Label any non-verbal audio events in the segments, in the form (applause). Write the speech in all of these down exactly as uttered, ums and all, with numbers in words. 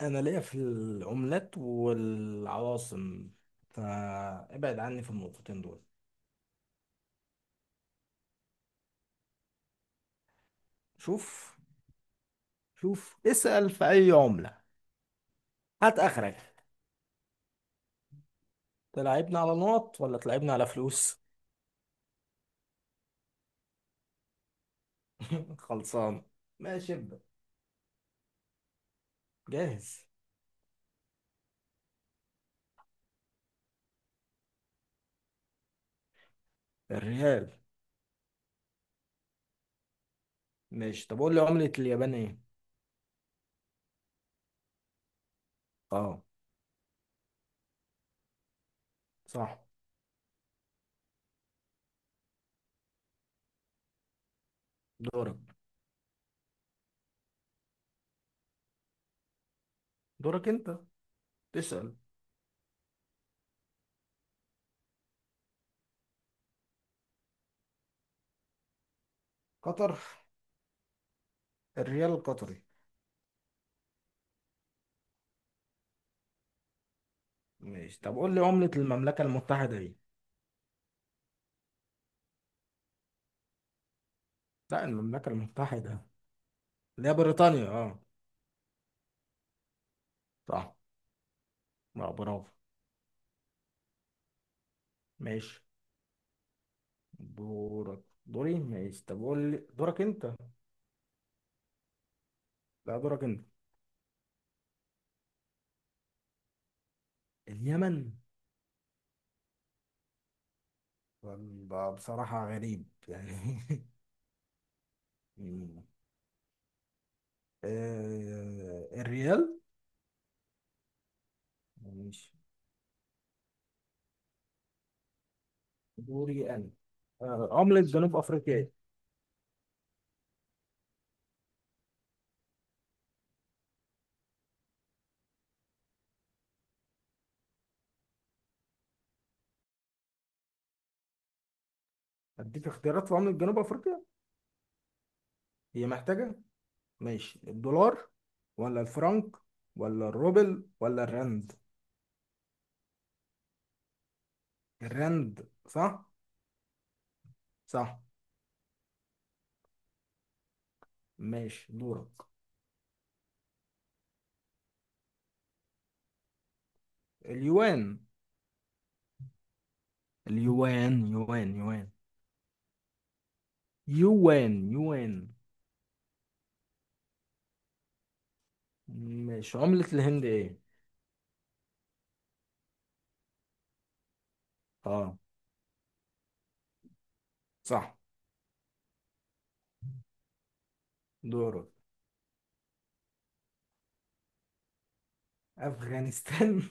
انا ليا في العملات والعواصم، فابعد عني في النقطتين دول. شوف شوف اسأل في اي عملة، هات اخرك. تلعبنا على نقط ولا تلعبنا على فلوس؟ (laughs) خلصان. ماشي ابدأ. جاهز. الريال. ماشي طب قول لي عملة اليابان ايه؟ اه. صح. دورك. دورك انت تسأل. قطر. الريال القطري. ماشي طب قول لي عملة المملكة المتحدة ايه؟ لا، المملكة المتحدة. اللي هي بريطانيا اه. صح. لا، برافو. ماشي. دورك دوري ماشي طب قول لي دورك انت. لا دورك انت. اليمن. ولا بصراحة غريب يعني. (laughs) مم. آه، الريال. ماشي. دوري انا. آه، عملة جنوب افريقيا. اديك اختيارات في عملة جنوب افريقيا. هي محتاجة. ماشي، الدولار ولا الفرنك ولا الروبل ولا الرند؟ الرند صح. صح. ماشي. دورك. اليوان. اليوان، يوان يوان، يوان يوان. ماشي. عملة الهند ايه؟ اه. صح. دورك. افغانستان. (laughs)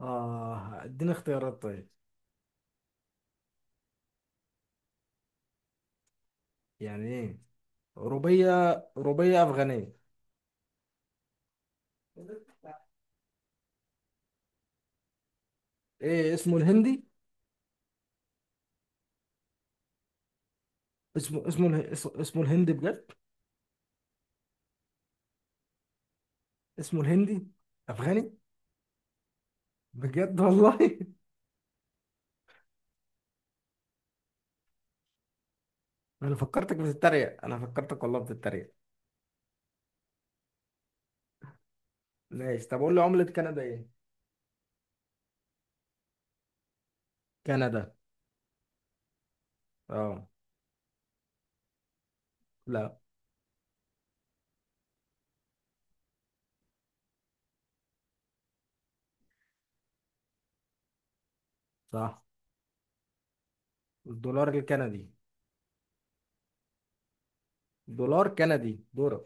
اه، اديني اختيارات طيب. يعني ايه؟ روبية، روبية افغانية. ايه اسمه الهندي؟ اسمه اسمه اله- اس- اسمه الهندي بجد. اسمه الهندي افغاني. بجد والله. (laughs) انا فكرتك بتتريق، انا فكرتك والله بتتريق. ماشي طب قول لي عملة كندا ايه؟ كندا اه. لا، صح. الدولار الكندي. دولار كندي، دولار.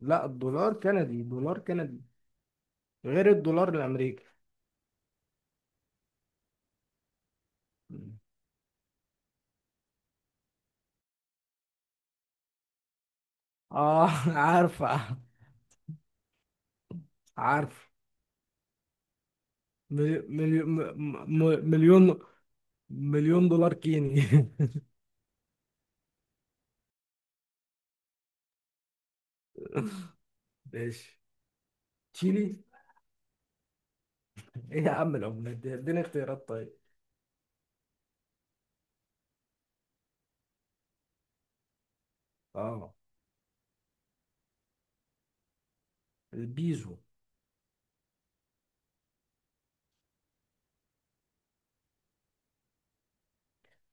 لا، الدولار كندي، دولار كندي، غير الدولار الامريكي. اه. (laughs) عارفه. عارف. ملي- ملي- م- م- مليون، مليون دولار كيني. (laughs) ماشي. تشيلي. ايه يا عم العملات دي، اديني اختيارات طيب. اه، البيزو.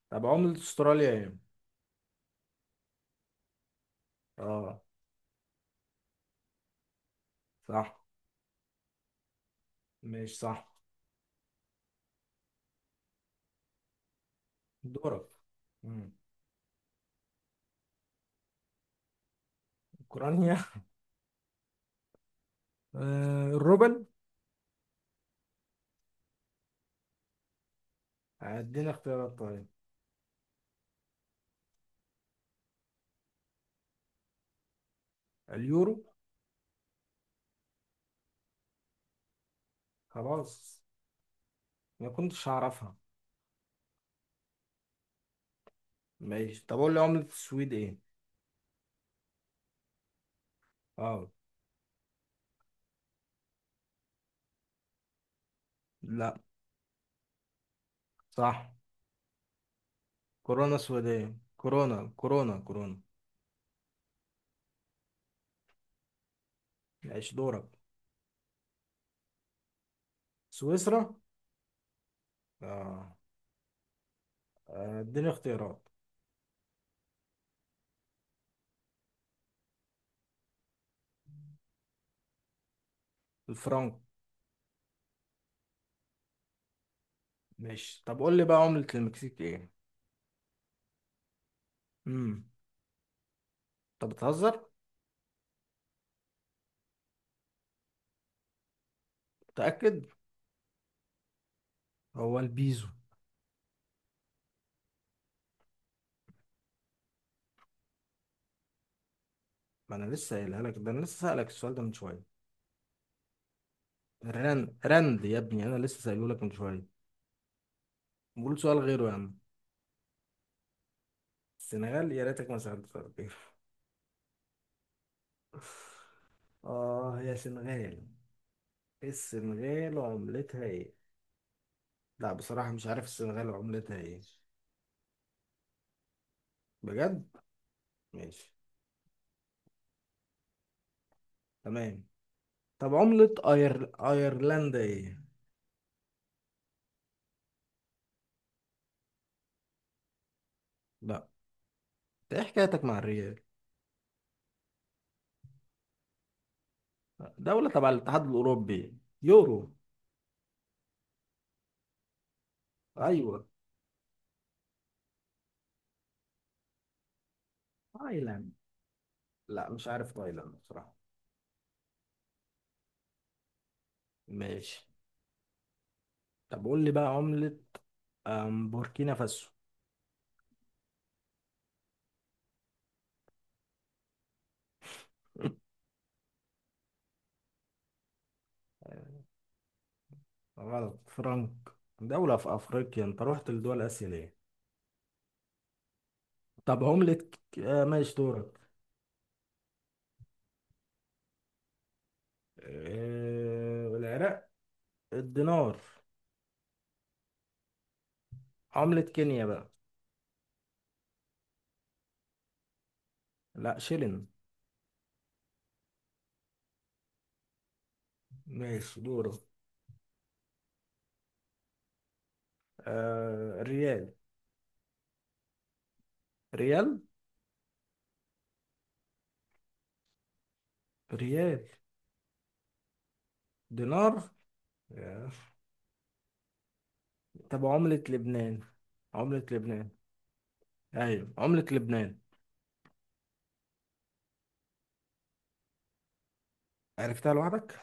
طب عملة استراليا ايه؟ اه. صح. ماشي صح. دورك. مم. اوكرانيا. (laughs) آه، الروبل. اديني اختيارات طيب. اليورو. خلاص، ما كنتش هعرفها. ماشي طب اقول لي عملة السويد ايه؟ اه. لا، صح. كورونا سويدية، كورونا كورونا كورونا. ماشي. دورك. سويسرا. اه. آه، اديني اختيارات. الفرنك. ماشي طب قول لي بقى عملة المكسيك ايه؟ امم. طب بتهزر؟ متأكد؟ هو البيزو. ما انا لسه قايلها لك، ده انا لسه سألك السؤال ده من شوية. رند رند يا ابني، انا لسه سأله لك من شوية. قول سؤال غيره يا عم. السنغال، يا ريتك ما سألت سؤال غيره. (laughs) اه يا سنغال. السنغال وعملتها ايه؟ لا بصراحة مش عارف السنغال وعملتها ايه. بجد؟ ماشي. تمام. طب عملة أير... أيرلندا ايه؟ لا. ايه حكايتك مع الريال؟ دولة تبع الاتحاد الأوروبي. يورو. أيوة. تايلاند. لا مش عارف تايلاند بصراحة. ماشي. طب قول لي بقى عملة أم، بوركينا فاسو. غلط، فرنك. دولة في أفريقيا، أنت رحت لدول آسيا ليه؟ طب عملة ك- آه ماشي دورك. آه... العراق. الدينار. عملة كينيا بقى. لا، شيلين. ماشي دوره. آه ريال. ريال. ريال. دينار. آه. طب عملة لبنان. عملة لبنان. ايوه عملة لبنان. عرفتها لوحدك.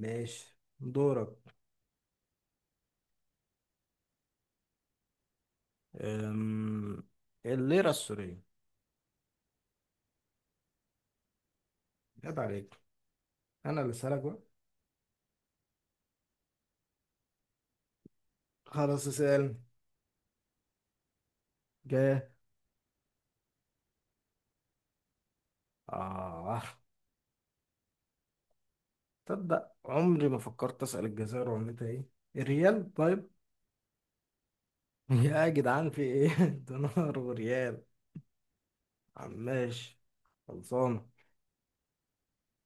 ماشي دورك. أم... الليرة السورية. جد عليك. انا اللي سألك بقى. خلاص اسأل. جاه. اه تصدق عمري ما فكرت اسأل الجزائر عملتها ايه. الريال طيب. يا جدعان في ايه (laughs) دينار وريال. عم ماشي. خلصان.